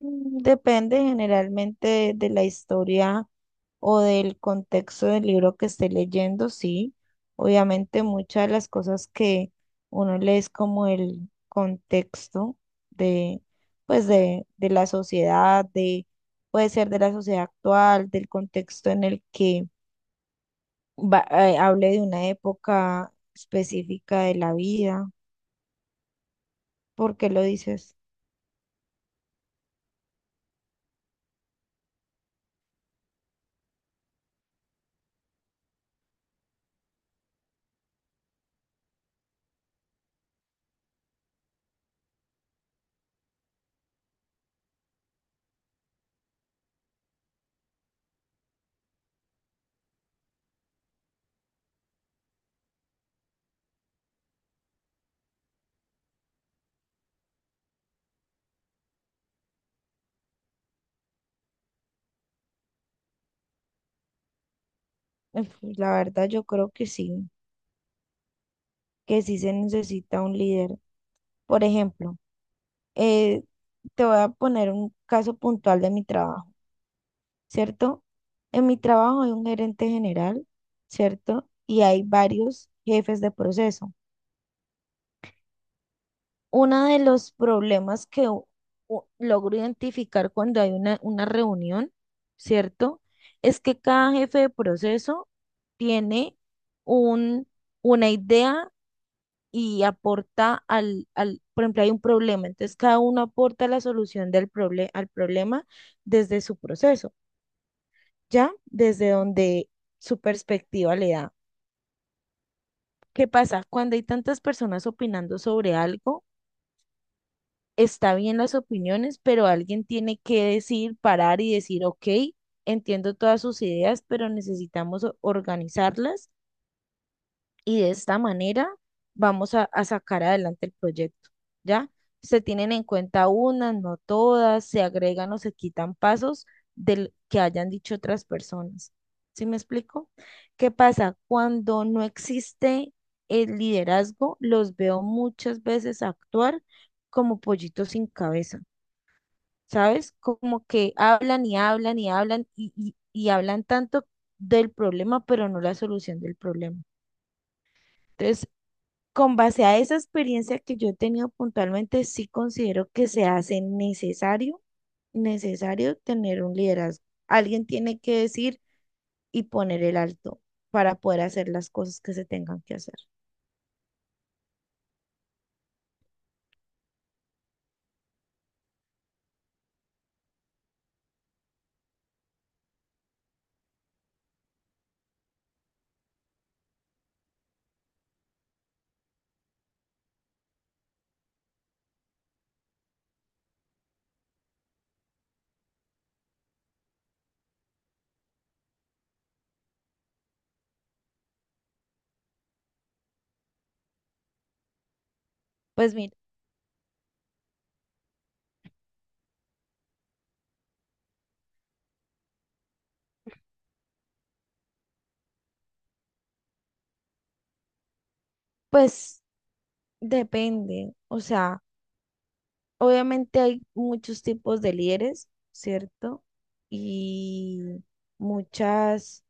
Depende generalmente de la historia o del contexto del libro que esté leyendo, sí. Obviamente muchas de las cosas que uno lee es como el contexto de, de la sociedad, de, puede ser de la sociedad actual, del contexto en el que hable de una época específica de la vida. ¿Por qué lo dices? Uf, la verdad yo creo que sí se necesita un líder. Por ejemplo, eh, te voy a poner un caso puntual de mi trabajo, ¿cierto? En mi trabajo hay un gerente general, ¿cierto? Y hay varios jefes de proceso. Uno de los problemas que logro identificar cuando hay una reunión, ¿cierto? Es que cada jefe de proceso tiene un, una idea y aporta por ejemplo, hay un problema, entonces cada uno aporta la solución al problema desde su proceso, ¿ya? Desde donde su perspectiva le da. ¿Qué pasa cuando hay tantas personas opinando sobre algo? Está bien las opiniones, pero alguien tiene que decir, parar y decir, ok, entiendo todas sus ideas, pero necesitamos organizarlas y de esta manera vamos a sacar adelante el proyecto, ¿ya? Se tienen en cuenta unas, no todas, se agregan o se quitan pasos del que hayan dicho otras personas. ¿Sí me explico? ¿Qué pasa cuando no existe el liderazgo? Los veo muchas veces actuar como pollitos sin cabeza, ¿sabes? Como que hablan y hablan y hablan y hablan tanto del problema, pero no la solución del problema. Entonces, con base a esa experiencia que yo he tenido puntualmente, sí considero que se hace necesario, necesario tener un liderazgo. Alguien tiene que decir y poner el alto para poder hacer las cosas que se tengan que hacer. Pues mira, pues depende. O sea, obviamente hay muchos tipos de líderes, ¿cierto? Y muchas,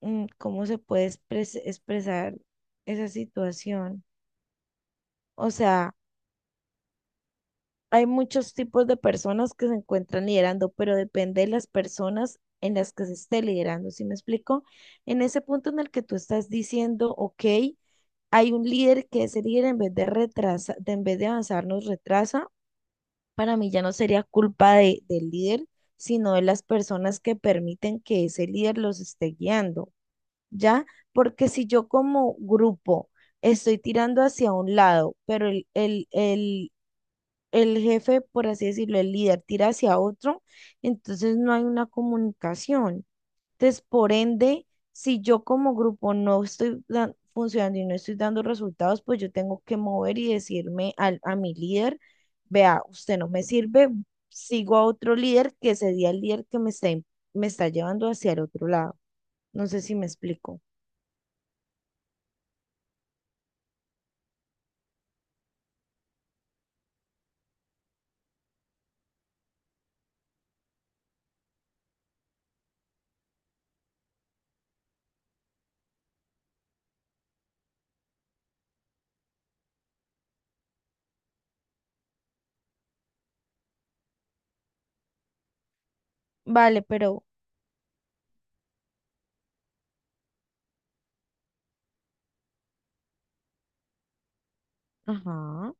¿cómo se puede expresar esa situación? O sea, hay muchos tipos de personas que se encuentran liderando, pero depende de las personas en las que se esté liderando. ¿Sí me explico? En ese punto en el que tú estás diciendo, ok, hay un líder que ese líder en vez de retrasa, de, en vez de avanzar nos retrasa, para mí ya no sería culpa del líder, sino de las personas que permiten que ese líder los esté guiando, ¿ya? Porque si yo como grupo estoy tirando hacia un lado, pero el jefe, por así decirlo, el líder tira hacia otro, entonces no hay una comunicación. Entonces, por ende, si yo como grupo no estoy funcionando y no estoy dando resultados, pues yo tengo que mover y decirme a mi líder, vea, usted no me sirve, sigo a otro líder que sería el líder que me está, me está llevando hacia el otro lado. No sé si me explico. Vale, pero, ajá,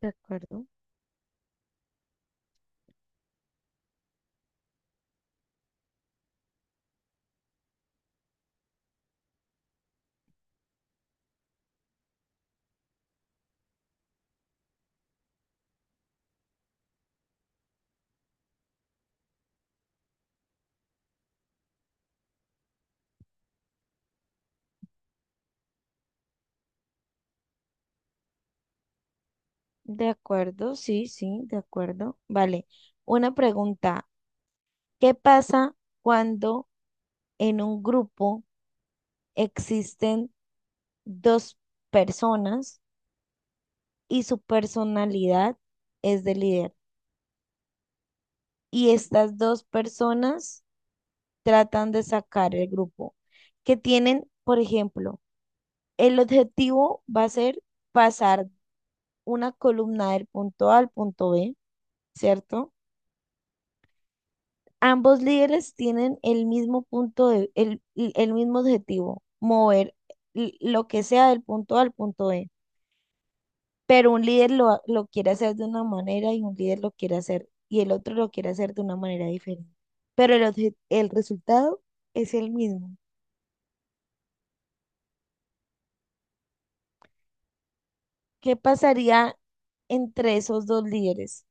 de acuerdo. De acuerdo, sí, sí, de acuerdo. Vale. Una pregunta. ¿Qué pasa cuando en un grupo existen dos personas y su personalidad es de líder? Y estas dos personas tratan de sacar el grupo, que tienen, por ejemplo, el objetivo va a ser pasar una columna del punto A al punto B, ¿cierto? Ambos líderes tienen el mismo el mismo objetivo, mover lo que sea del punto A al punto B, pero un líder lo quiere hacer de una manera y un líder lo quiere hacer y el otro lo quiere hacer de una manera diferente. Pero el resultado es el mismo. ¿Qué pasaría entre esos dos líderes?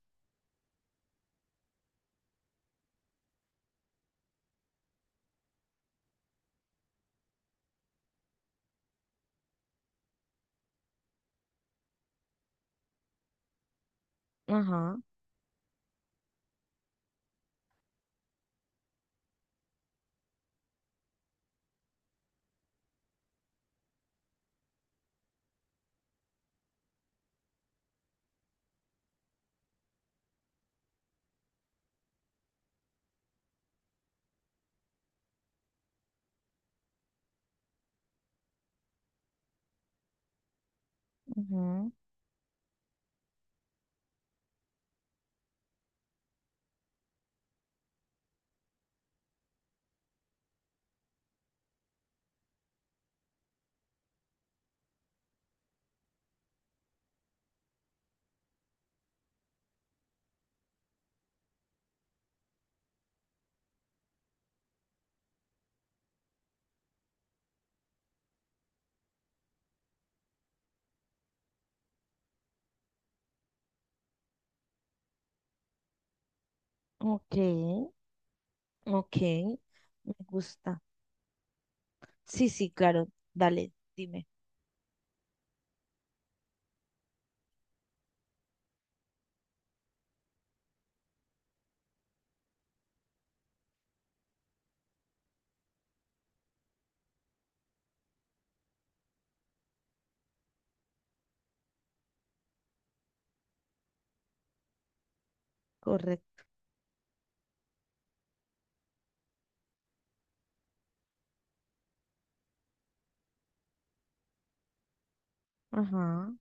Ajá, ujú. Ok, ok, me gusta. Sí, sí, claro, dale, dime. Correcto. Ajá.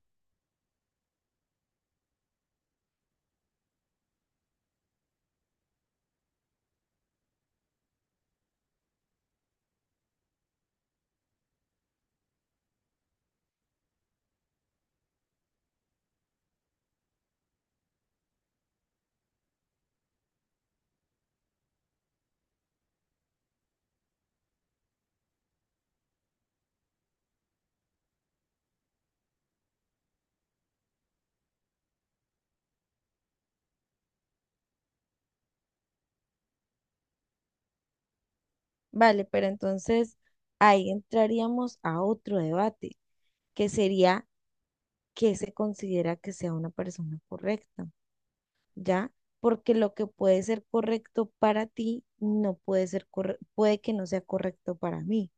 Vale, pero entonces ahí entraríamos a otro debate, que sería qué se considera que sea una persona correcta. ¿Ya? Porque lo que puede ser correcto para ti no puede ser puede que no sea correcto para mí.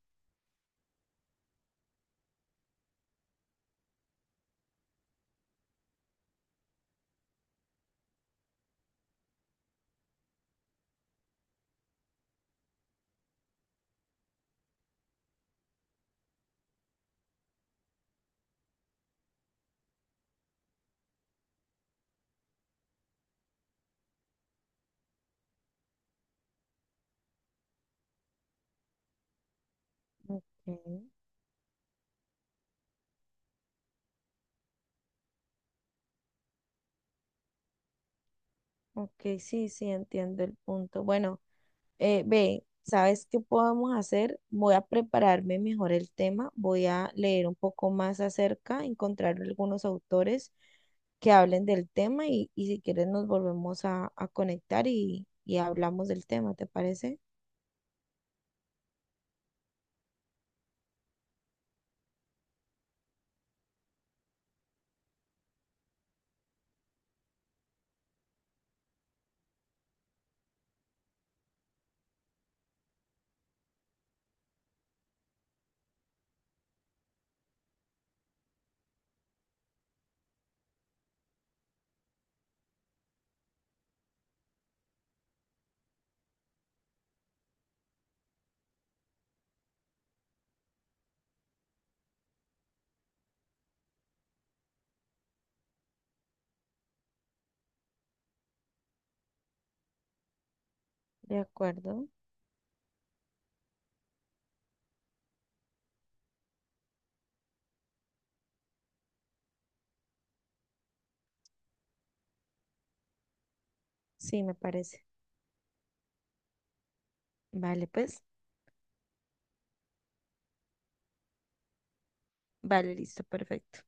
Ok, ok, sí, sí, entiendo el punto. Bueno, ve, ¿sabes qué podemos hacer? Voy a prepararme mejor el tema, voy a leer un poco más acerca, encontrar algunos autores que hablen del tema y si quieres nos volvemos a conectar y hablamos del tema, ¿te parece? De acuerdo, sí, me parece. Vale, pues. Vale, listo, perfecto.